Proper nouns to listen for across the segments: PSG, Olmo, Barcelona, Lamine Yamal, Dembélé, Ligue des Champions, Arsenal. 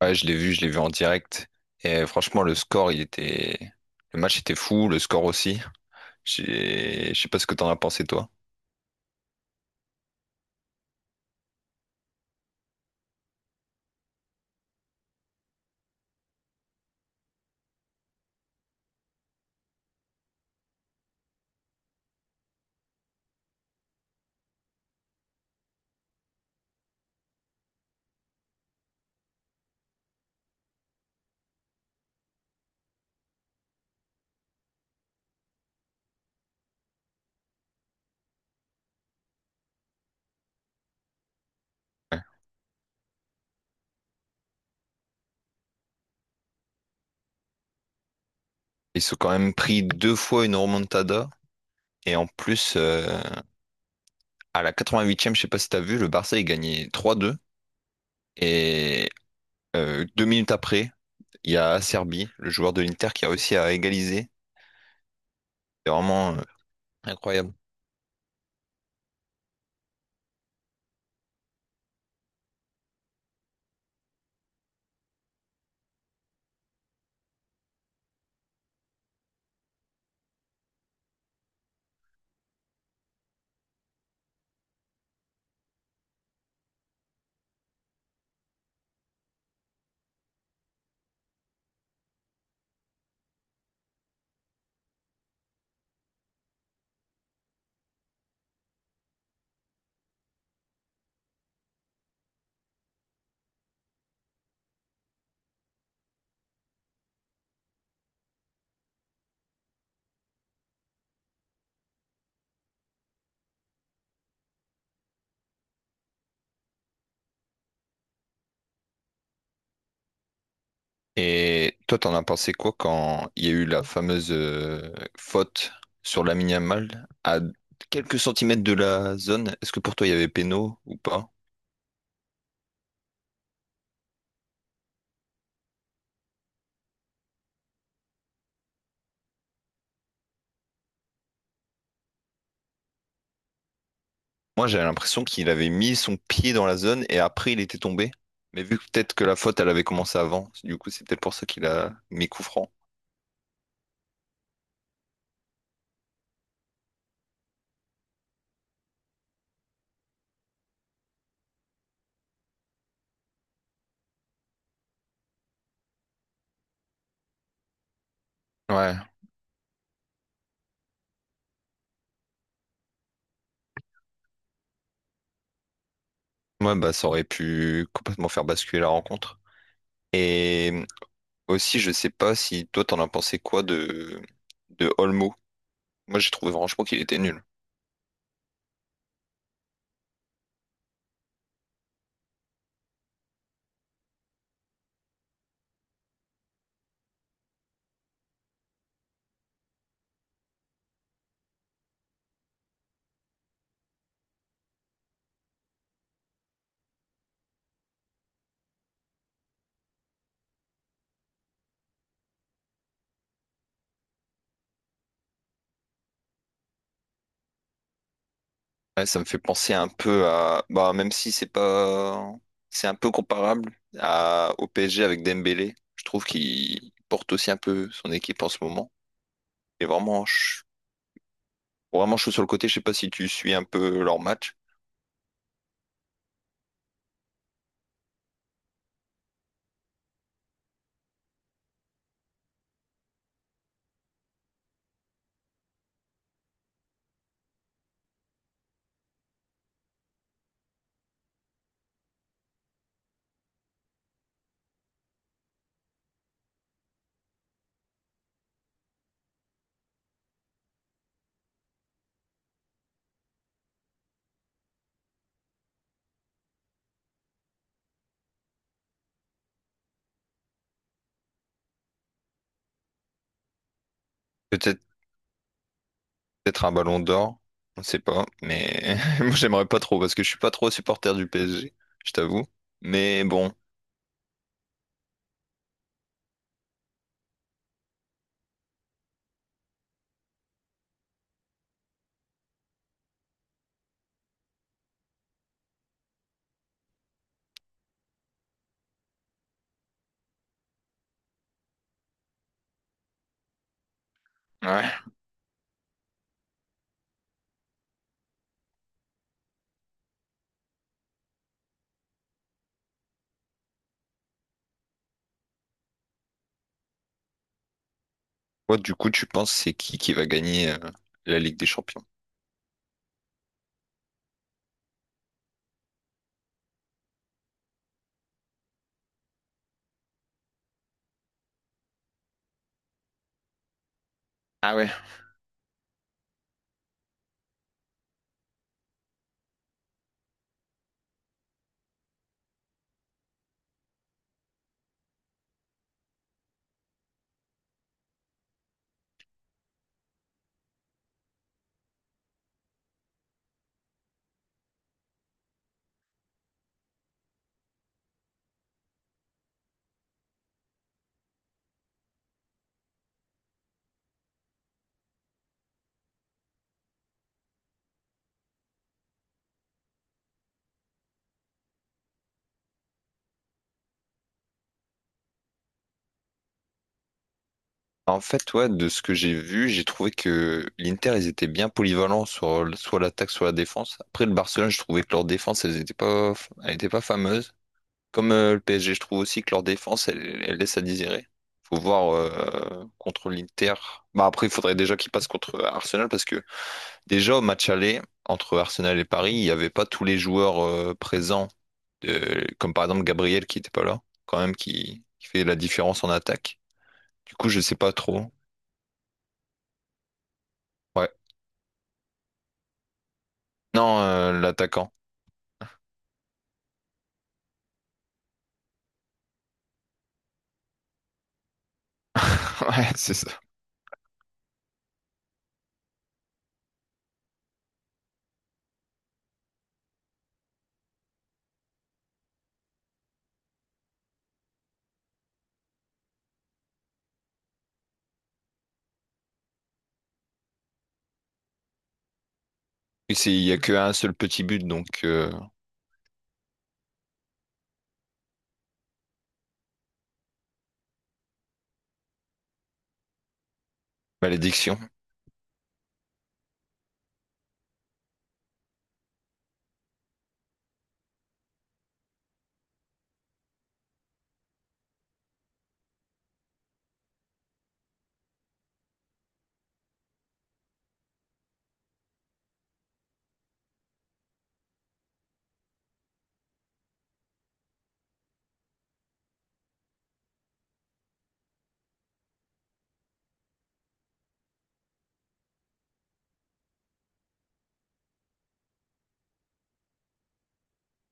Ouais, je l'ai vu en direct. Et franchement, le score, il était. Le match était fou, le score aussi. Je sais pas ce que t'en as pensé, toi. Ouais. Ils sont quand même pris deux fois une remontada. Et en plus, à la 88e, je sais pas si t'as vu, le Barça, il gagnait 3-2. Et deux minutes après, il y a Serbie, le joueur de l'Inter, qui a réussi à égaliser. C'est vraiment incroyable. Et toi, t'en as pensé quoi quand il y a eu la fameuse faute sur Lamine Yamal à quelques centimètres de la zone? Est-ce que pour toi, il y avait péno ou pas? Moi, j'avais l'impression qu'il avait mis son pied dans la zone et après, il était tombé. Mais vu que peut-être que la faute, elle avait commencé avant, du coup, c'est peut-être pour ça qu'il a mis coup franc. Ouais. Ouais, bah, ça aurait pu complètement faire basculer la rencontre. Et aussi, je sais pas si toi, t'en as pensé quoi de Olmo. Moi, j'ai trouvé franchement qu'il était nul. Ouais, ça me fait penser un peu à, bah, même si c'est pas, c'est un peu comparable à, au PSG avec Dembélé. Je trouve qu'il porte aussi un peu son équipe en ce moment. Et vraiment, vraiment chaud sur le côté. Je sais pas si tu suis un peu leur match. Peut-être peut-être un ballon d'or, on ne sait pas, mais moi j'aimerais pas trop parce que je suis pas trop supporter du PSG, je t'avoue. Mais bon, ouais. Toi, du coup, tu penses c'est qui va gagner la Ligue des Champions? Ah ouais. En fait, ouais, de ce que j'ai vu, j'ai trouvé que l'Inter, ils étaient bien polyvalents sur soit l'attaque, soit la défense. Après, le Barcelone, je trouvais que leur défense, elle était pas fameuse. Comme le PSG, je trouve aussi que leur défense, elle, elle laisse à désirer. Faut voir contre l'Inter. Bah après, il faudrait déjà qu'ils passent contre Arsenal parce que déjà au match aller entre Arsenal et Paris, il n'y avait pas tous les joueurs présents, comme par exemple Gabriel qui n'était pas là, quand même qui fait la différence en attaque. Du coup, je sais pas trop. Ouais. Non, l'attaquant. Ouais, c'est ça. Et Il n'y a qu'un seul petit but, donc malédiction.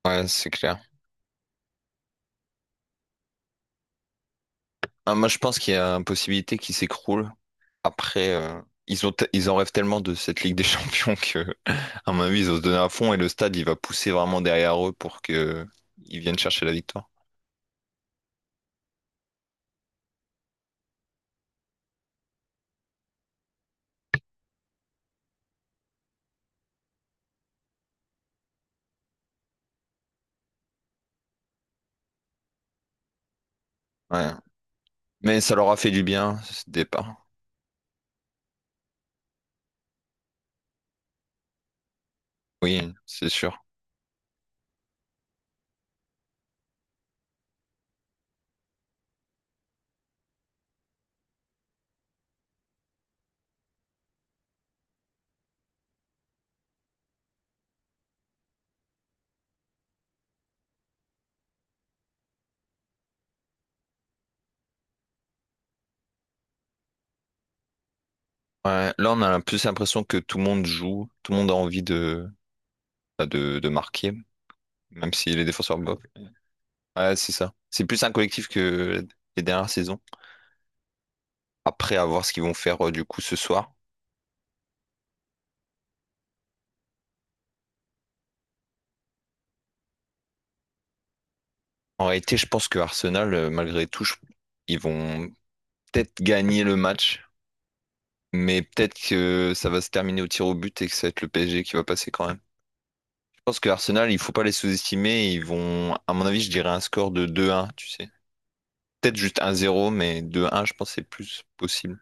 Ouais, c'est clair. Ah, moi, je pense qu'il y a une possibilité qui s'écroule. Après, ils en rêvent tellement de cette Ligue des Champions que, à mon avis, ils vont se donner à fond et le stade, il va pousser vraiment derrière eux pour que ils viennent chercher la victoire. Ouais. Mais ça leur a fait du bien, ce départ. Oui, c'est sûr. Ouais. Là, on a plus l'impression que tout le monde joue, tout le monde a envie de, bah, de marquer, même si les défenseurs bloquent. Ouais, c'est ça. C'est plus un collectif que les dernières saisons. Après, à voir ce qu'ils vont faire du coup ce soir. En réalité, je pense que Arsenal, malgré tout, ils vont peut-être gagner le match, mais peut-être que ça va se terminer au tir au but et que ça va être le PSG qui va passer quand même. Je pense que Arsenal, il faut pas les sous-estimer. Ils vont, à mon avis, je dirais un score de 2-1, tu sais. Peut-être juste 1-0, mais 2-1, je pense que c'est plus possible.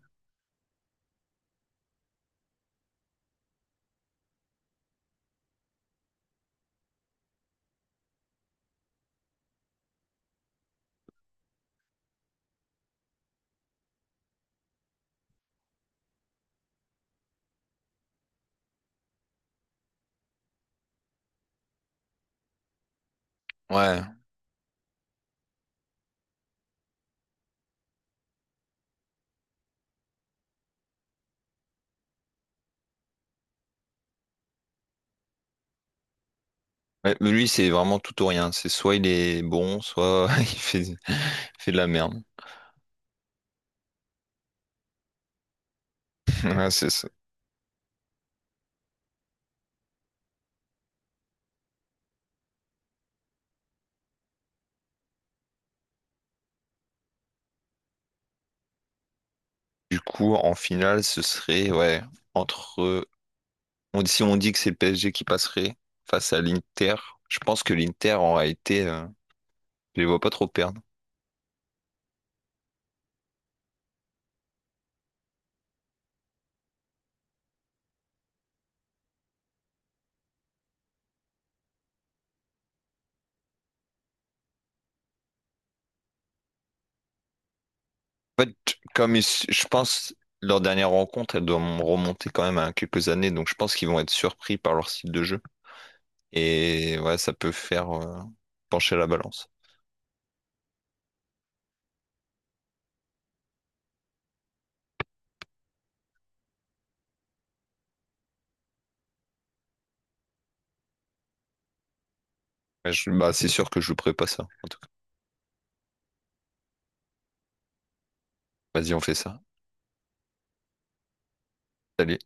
Ouais. Ouais, mais lui, c'est vraiment tout ou rien. C'est soit il est bon, soit il fait de la merde. Ouais, c'est ça. Du coup, en finale, ce serait, ouais, entre. On- si on dit que c'est le PSG qui passerait face à l'Inter, je pense que l'Inter aura été. Euh, je les vois pas trop perdre. En fait, je pense, leur dernière rencontre, elle doit remonter quand même à quelques années, donc je pense qu'ils vont être surpris par leur style de jeu. Et ouais, ça peut faire pencher la balance. Ouais, bah, c'est sûr que je jouerai pas ça, en tout cas. Vas-y, on fait ça. Salut.